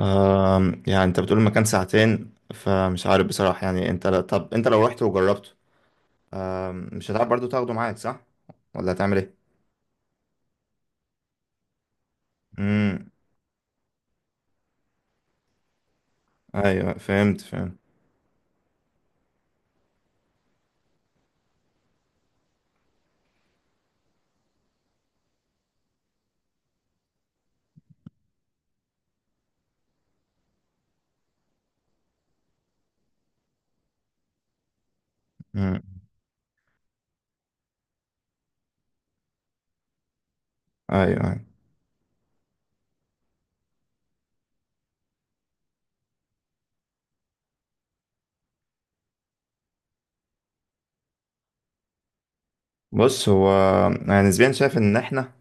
يعني انت بتقول المكان ساعتين فمش عارف بصراحة. يعني انت طب انت لو رحت وجربته مش هتعرف برضو تاخده معاك، صح؟ ولا هتعمل ايه؟ امم. ايوه فهمت فهمت. امم. ايوه ايوه. بص هو يعني نسبيا شايف ان احنا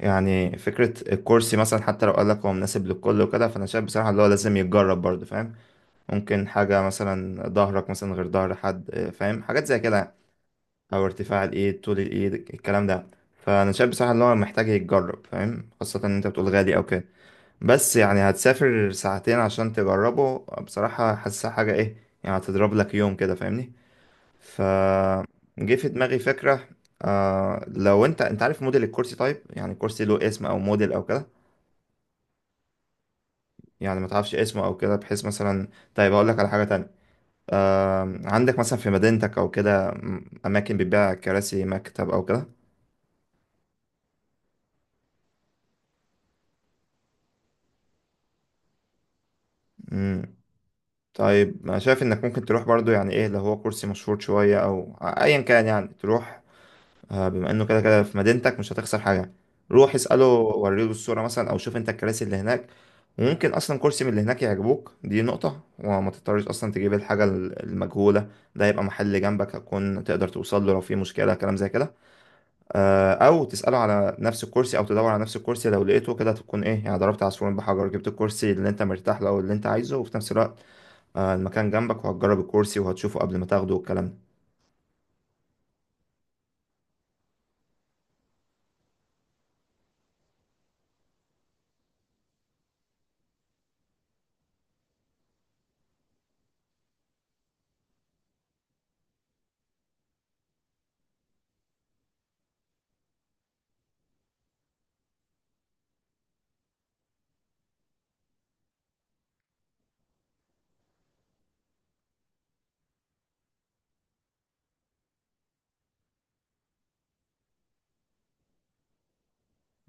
يعني فكرة الكرسي مثلا حتى لو قال لك هو مناسب للكل وكده، فانا شايف بصراحة اللي هو لازم يتجرب برضو، فاهم؟ ممكن حاجة مثلا ظهرك مثلا غير ظهر حد فاهم؟ حاجات زي كده. او ارتفاع الايد، طول الايد، الكلام ده. فانا شايف بصراحه ان هو محتاج يتجرب، فاهم؟ خاصه ان انت بتقول غالي او كده. بس يعني هتسافر ساعتين عشان تجربه؟ بصراحه حاسسها حاجه ايه. يعني هتضرب لك يوم كده، فاهمني. ف جه في دماغي فكره. لو انت عارف موديل الكرسي؟ طيب يعني كرسي له اسم او موديل او كده؟ يعني ما تعرفش اسمه او كده، بحيث مثلا. طيب هقول لك على حاجه تانية. عندك مثلا في مدينتك او كده اماكن بتبيع كراسي مكتب او كده؟ مم. طيب انا شايف انك ممكن تروح برضو، يعني ايه لو هو كرسي مشهور شوية او ايا كان يعني تروح. بما انه كده كده في مدينتك مش هتخسر حاجة. روح اسأله وريله الصورة مثلا او شوف انت الكراسي اللي هناك. وممكن اصلا كرسي من اللي هناك يعجبوك، دي نقطة وما تضطرش اصلا تجيب الحاجة المجهولة. ده يبقى محل جنبك، هتكون تقدر توصل له لو في مشكلة كلام زي كده. او تسأله على نفس الكرسي، او تدور على نفس الكرسي لو لقيته كده تكون ايه يعني ضربت عصفورين بحجر، جبت الكرسي اللي انت مرتاح له او اللي انت عايزه، وفي نفس الوقت المكان جنبك وهتجرب الكرسي وهتشوفه قبل ما تاخده والكلام ده.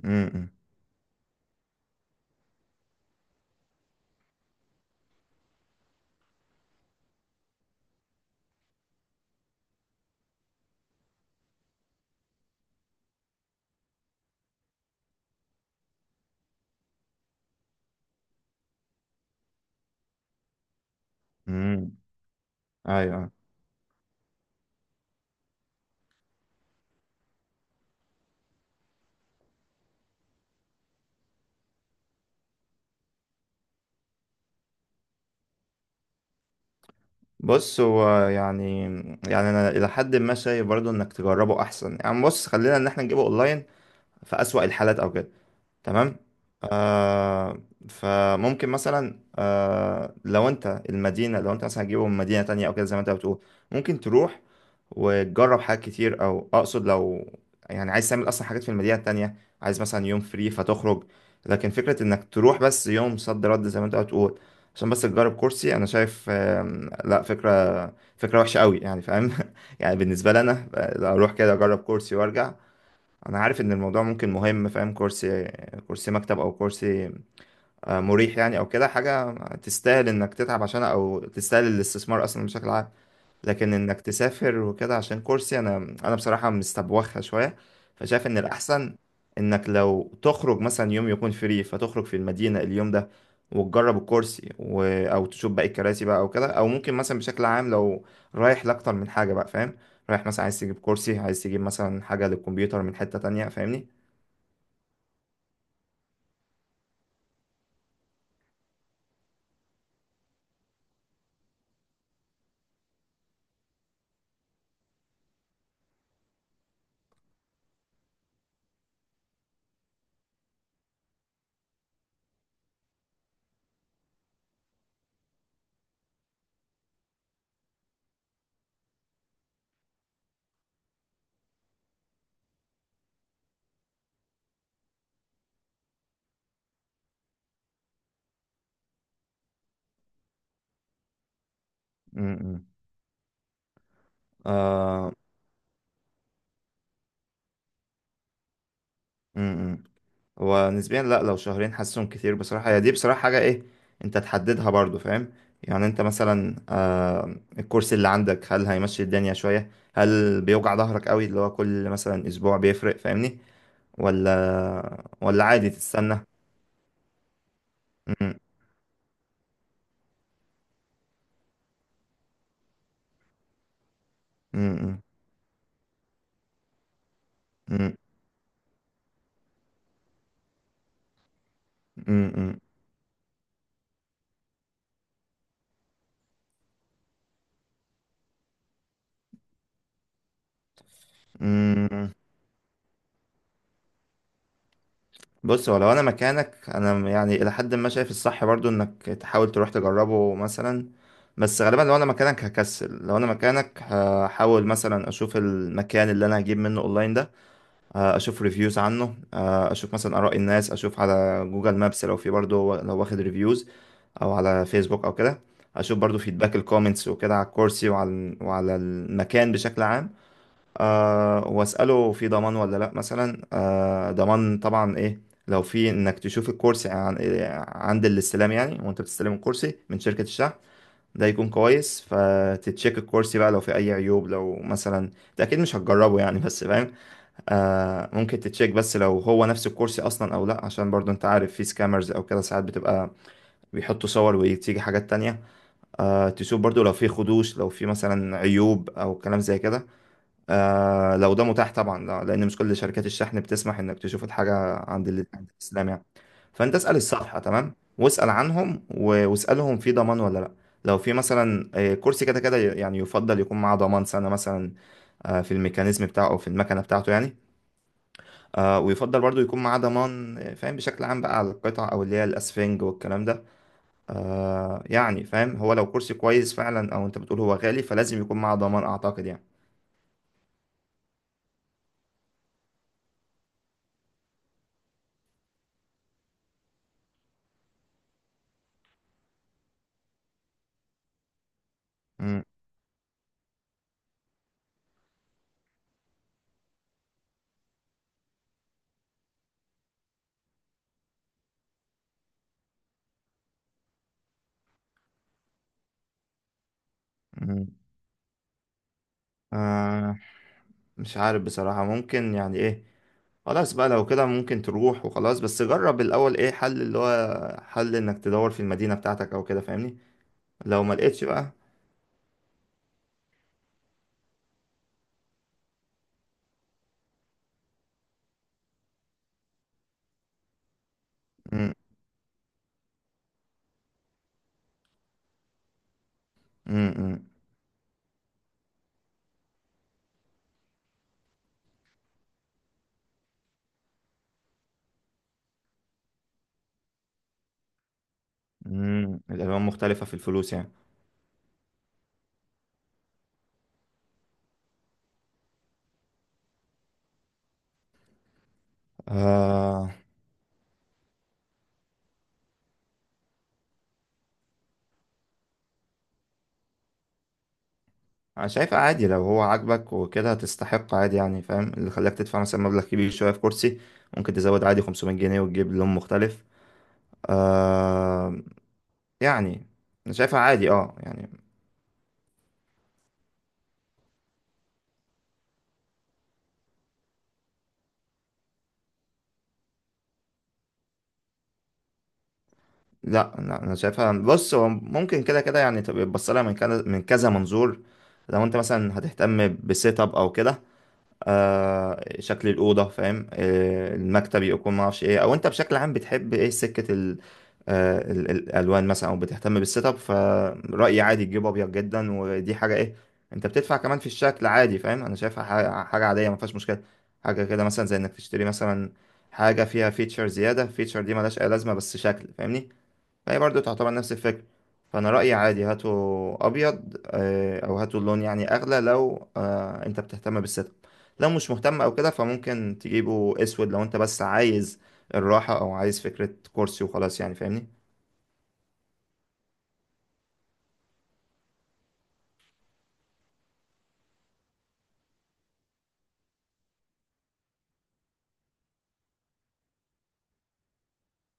امم. امم. ايوه. بص هو يعني انا الى حد ما شايف برضه انك تجربه احسن. يعني بص خلينا ان احنا نجيبه اونلاين في اسوأ الحالات او كده، تمام. آه فممكن مثلا لو انت المدينة، لو انت مثلا هتجيبه من مدينة تانية او كده زي ما انت بتقول، ممكن تروح وتجرب حاجات كتير. او اقصد لو يعني عايز تعمل اصلا حاجات في المدينة التانية، عايز مثلا يوم فري فتخرج. لكن فكرة انك تروح بس يوم صد رد زي ما انت بتقول عشان بس تجرب كرسي، انا شايف لا، فكرة وحشة قوي يعني، فاهم؟ يعني بالنسبة لي انا اروح كده اجرب كرسي وارجع، انا عارف ان الموضوع ممكن مهم، فاهم؟ كرسي، كرسي مكتب او كرسي مريح يعني، او كده حاجه تستاهل انك تتعب عشانها او تستاهل الاستثمار اصلا بشكل عام. لكن انك تسافر وكده عشان كرسي، انا بصراحه مستبوخها شويه. فشايف ان الاحسن انك لو تخرج مثلا يوم يكون فري فتخرج في المدينه اليوم ده، وتجرب الكرسي او تشوف باقي الكراسي بقى او كده. او ممكن مثلا بشكل عام لو رايح لاكتر من حاجه بقى، فاهم؟ رايح مثلا عايز تجيب كرسي، عايز تجيب مثلا حاجة للكمبيوتر من حتة تانية، فاهمني. امم. آه امم. ونسبيا لا، لو شهرين حاسسهم كتير بصراحة. هي دي بصراحة حاجة ايه انت تحددها برضو، فاهم؟ يعني انت مثلا الكورس اللي عندك، هل هيمشي الدنيا شوية؟ هل بيوجع ظهرك قوي اللي هو كل مثلا اسبوع بيفرق، فاهمني؟ ولا عادي تستنى؟ امم. امم. امم. امم. امم، امم. بص هو لو انا مكانك، انا يعني الى حد ما شايف الصح برضو انك تحاول تروح تجربه مثلا. بس غالبا لو انا مكانك هكسل. لو انا مكانك هحاول مثلا اشوف المكان اللي انا هجيب منه اونلاين ده، اشوف ريفيوز عنه، اشوف مثلا اراء الناس، اشوف على جوجل مابس لو في برضو لو واخد ريفيوز او على فيسبوك او كده. اشوف برضو فيدباك الكومنتس وكده على الكرسي وعلى المكان بشكل عام. واسأله في ضمان ولا لأ، مثلا ضمان طبعا. إيه لو في إنك تشوف الكرسي عند الاستلام يعني، وأنت بتستلم الكرسي من شركة الشحن، ده يكون كويس. فتتشيك الكرسي بقى لو في أي عيوب. لو مثلا أنت أكيد مش هتجربه يعني، بس فاهم. ممكن تتشيك بس لو هو نفس الكرسي أصلا أو لأ، عشان برضو أنت عارف في سكامرز أو كده ساعات بتبقى بيحطوا صور وتيجي حاجات تانية. تشوف برضو لو في خدوش، لو في مثلا عيوب أو كلام زي كده. لو ده متاح طبعا، لا لان مش كل شركات الشحن بتسمح انك تشوف الحاجه عند عند الاسلام يعني. فانت اسال الصفحه تمام واسال عنهم واسالهم في ضمان ولا لا. لو في مثلا كرسي كده كده يعني يفضل يكون معاه ضمان سنه مثلا، في الميكانيزم بتاعه او في المكنه بتاعته يعني. ويفضل برضو يكون معاه ضمان، فاهم بشكل عام بقى على القطع او اللي هي الاسفنج والكلام ده. يعني فاهم هو لو كرسي كويس فعلا او انت بتقول هو غالي، فلازم يكون معاه ضمان اعتقد يعني. م- م. آه، مش عارف بصراحة ممكن يعني ايه. خلاص بقى لو كده ممكن تروح وخلاص، بس جرب الأول ايه حل، اللي هو حل انك تدور في المدينة بتاعتك او كده، فاهمني. لو ما لقيتش بقى. مم، مم، مم. مم، الألوان مختلفة في الفلوس يعني؟ آه أنا شايف عادي لو هو عاجبك وكده هتستحق عادي يعني، فاهم؟ اللي خلاك تدفع مثلا مبلغ كبير شوية في كرسي ممكن تزود عادي 500 جنيه وتجيب لون مختلف. آه يعني أنا شايفها عادي اه يعني. لا لا، انا شايفها، بص هو ممكن كده كده يعني تبقى تبص لها من كذا من كذا منظور. لو انت مثلا هتهتم بسيت اب او كده، شكل الاوضه، فاهم؟ المكتب يكون ما اعرفش ايه، او انت بشكل عام بتحب ايه سكه ال آه ال- ال- الالوان مثلا، او بتهتم بالسيت اب. فرايي عادي تجيب ابيض جدا، ودي حاجه ايه انت بتدفع كمان في الشكل، عادي فاهم. انا شايفها حاجة عاديه ما فيهاش مشكله. حاجه كده مثلا زي انك تشتري مثلا حاجه فيها فيتشر زياده، فيتشر دي ملهاش اي لازمه بس شكل، فاهمني. فهي برضو تعتبر نفس الفكرة. فأنا رأيي عادي هاتوا أبيض أو هاتوا اللون يعني أغلى لو أنت بتهتم بالسيت اب. لو مش مهتم أو كده، فممكن تجيبه أسود لو أنت بس عايز الراحة أو عايز فكرة كرسي وخلاص يعني، فاهمني.